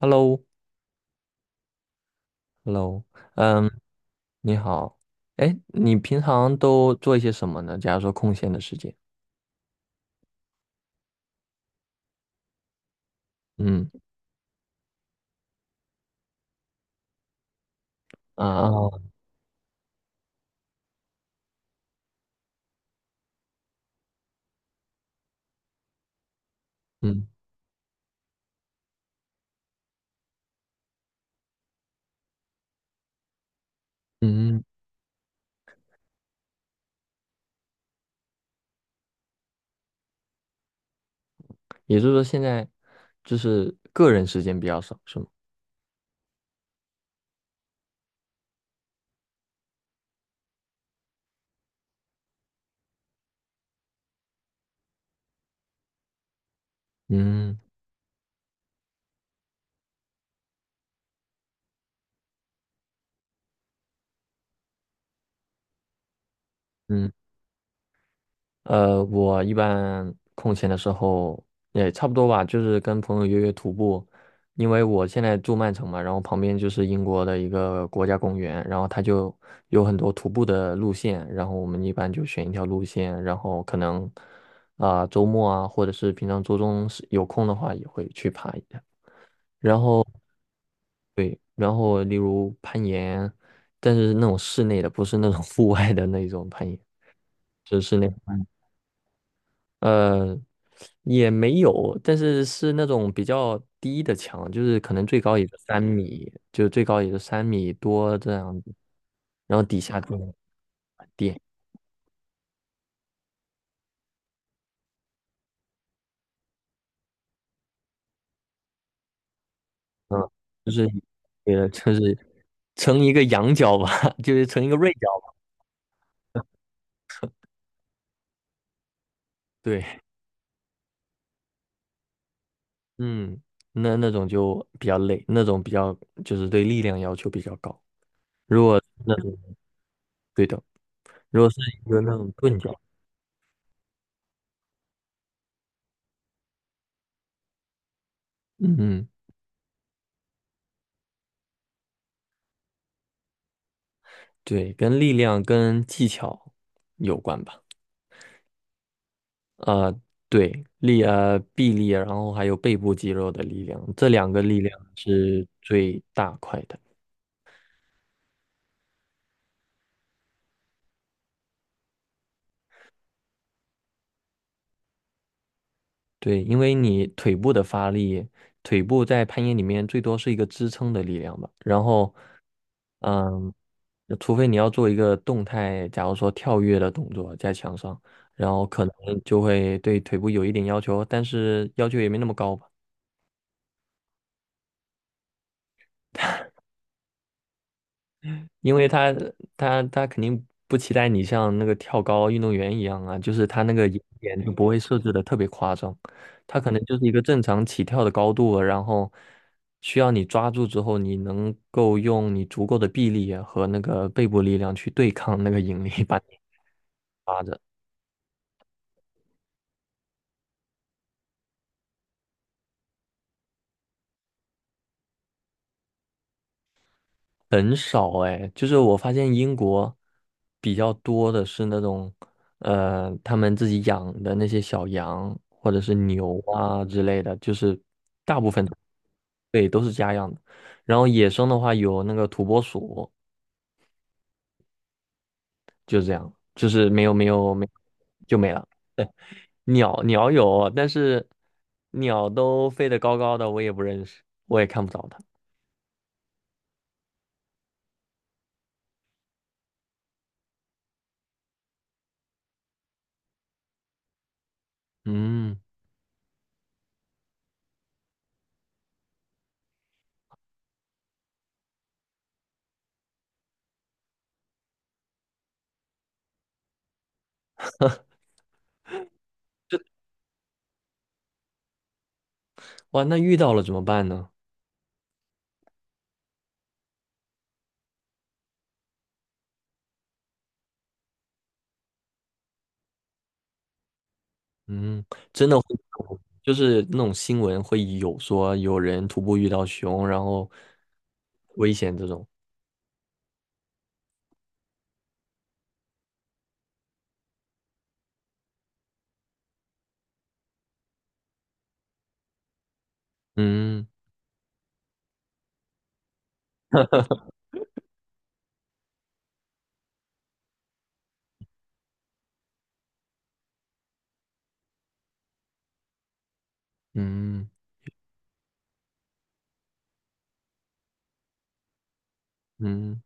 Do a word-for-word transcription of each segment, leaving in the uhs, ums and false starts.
Hello,Hello,嗯，你好。哎，你平常都做一些什么呢？假如说空闲的时间。嗯啊哦嗯嗯，也就是说现在就是个人时间比较少，是吗？嗯嗯呃，我一般空闲的时候也差不多吧，就是跟朋友约约徒步。因为我现在住曼城嘛，然后旁边就是英国的一个国家公园，然后它就有很多徒步的路线，然后我们一般就选一条路线，然后可能啊、周末啊，或者是平常周中是有空的话也会去爬一下，然后然后例如攀岩，但是那种室内的，不是那种户外的那种攀岩，就是室内。呃，也没有，但是是那种比较低的墙，就是可能最高也就三米，就最高也就三米多这样子，然后底下就很低。嗯，就是也就是成一个羊角吧，就是成一个锐角吧。对。嗯，那那种就比较累，那种比较就是对力量要求比较高。那种对的，如果是一个那种钝角。嗯。对，跟力量跟技巧有关吧。呃，对，力呃臂力，然后还有背部肌肉的力量，这两个力量是最大块的。对，因为你腿部的发力，腿部在攀岩里面最多是一个支撑的力量吧。然后嗯，除非你要做一个动态，假如说跳跃的动作在墙上，然后可能就会对腿部有一点要求，但是要求也没那么高吧。因为他他他肯定不期待你像那个跳高运动员一样啊，就是他那个眼点就不会设置的特别夸张。他可能就是一个正常起跳的高度啊，然后需要你抓住之后，你能够用你足够的臂力啊和那个背部力量去对抗那个引力 把你抓着。很少哎，就是我发现英国比较多的是那种，呃，他们自己养的那些小羊或者是牛啊之类的，就是。对，都是家养的。然后野生的话有那个土拨鼠，就这样，就是没有没有没就没了。鸟鸟有，但是鸟都飞得高高的，我也不认识，我也看不着它。嗯。哇，那遇到了怎么办呢？嗯，真的会有，就是那种新闻会有说有人徒步遇到熊，然后危险这种。嗯嗯嗯，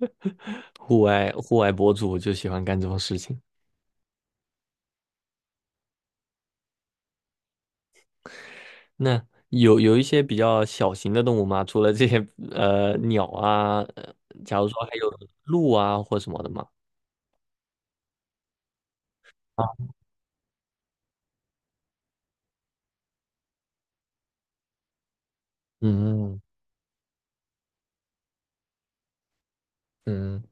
户外户外博主就喜欢干这种事情。那有有一些比较小型的动物吗？除了这些呃鸟啊，呃假如说还有鹿啊或什么的吗？啊，嗯嗯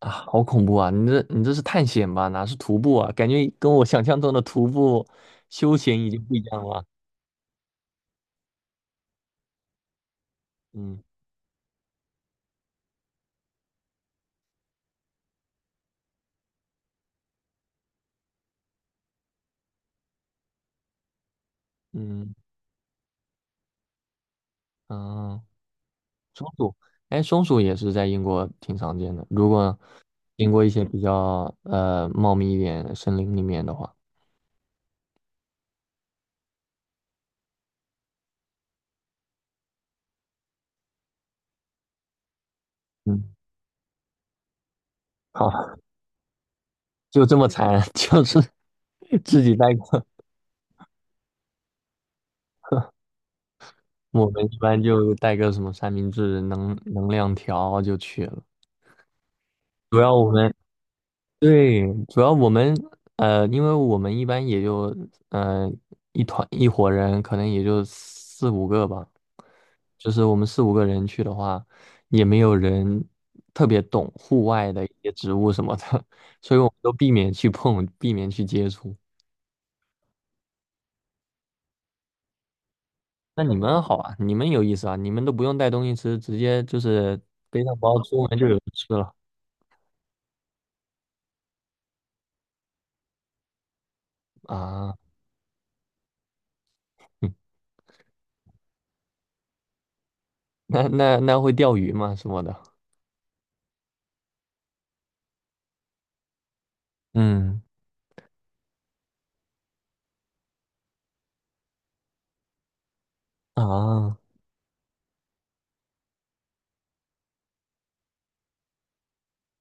啊，好恐怖啊！你这你这是探险吧？哪是徒步啊？感觉跟我想象中的徒步休闲已经不一样了啊。嗯嗯啊，松鼠，哎，松鼠也是在英国挺常见的。如果经过一些比较呃茂密一点的森林里面的话，嗯，好。就这么惨，就是自己带个，我们一般就带个什么三明治、能能量条就去了。主要我们对，主要我们呃，因为我们一般也就呃一团一伙人，可能也就四五个吧。就是我们四五个人去的话，也没有人特别懂户外的一些植物什么的，所以我们都避免去碰，避免去接触。那你们好啊，你们有意思啊，你们都不用带东西吃，直接就是背上包出门就有吃了啊。嗯，那那那会钓鱼吗？什么的？嗯啊，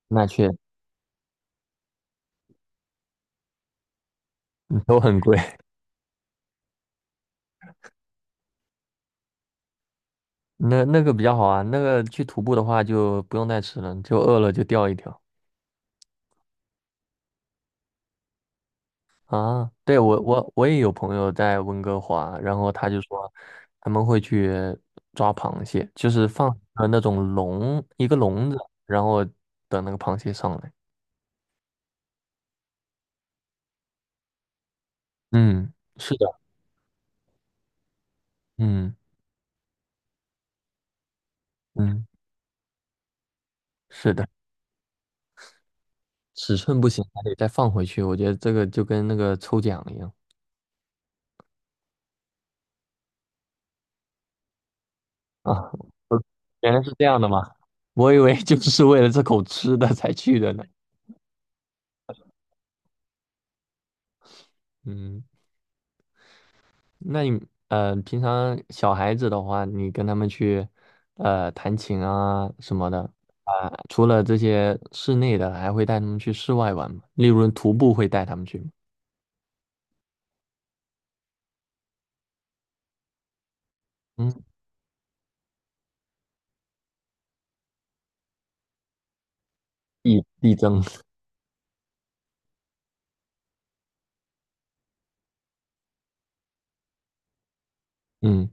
那确都很贵。那那个比较好啊，那个去徒步的话就不用带吃了，就饿了就钓一条啊。对，我我我也有朋友在温哥华，然后他就说他们会去抓螃蟹，就是放呃那种笼一个笼子，然后等那个螃蟹上来。嗯。是的。嗯嗯，是的，尺寸不行还得再放回去。我觉得这个就跟那个抽奖一样啊。呃原来是这样的吗？我以为就 是为了这口吃的才去的呢。嗯，那你呃，平常小孩子的话，你跟他们去呃弹琴啊什么的啊，除了这些室内的，还会带他们去室外玩吗？例如徒步会带他们去吗？嗯，力力争，嗯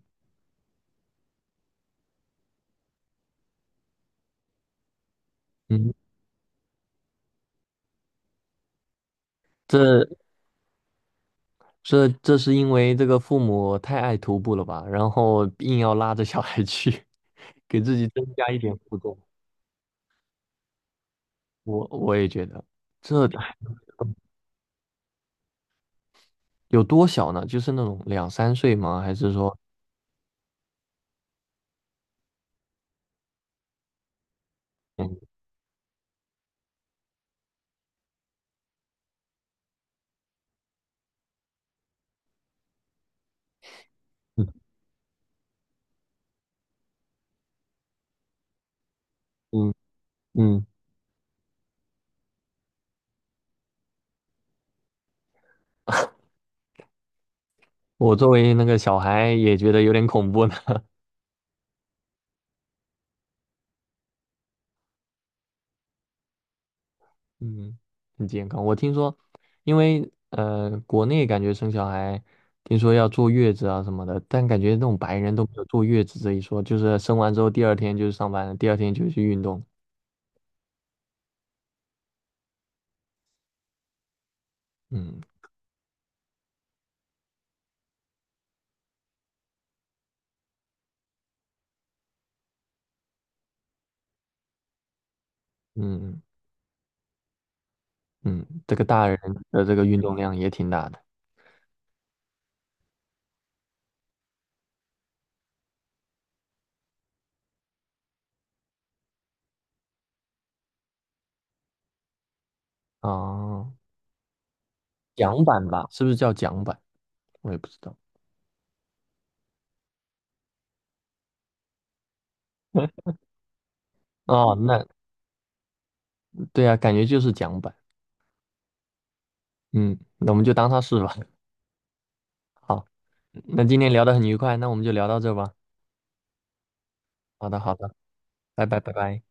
嗯，这这这是因为这个父母太爱徒步了吧，然后硬要拉着小孩去，给自己增加一点负重。我我也觉得，这有多小呢？就是那种两三岁吗？还是说，嗯嗯嗯，嗯我作为那个小孩也觉得有点恐怖呢。嗯，很健康。我听说，因为呃，国内感觉生小孩，听说要坐月子啊什么的，但感觉那种白人都没有坐月子这一说，就是生完之后第二天就是上班了，第二天就去运动。嗯嗯嗯，这个大人的这个运动量也挺大的。哦，桨板吧，是不是叫桨板？我也不知道。哦，那对啊，感觉就是桨板。嗯，那我们就当它是吧。好，那今天聊得很愉快，那我们就聊到这吧。好的，好的，拜拜，拜拜。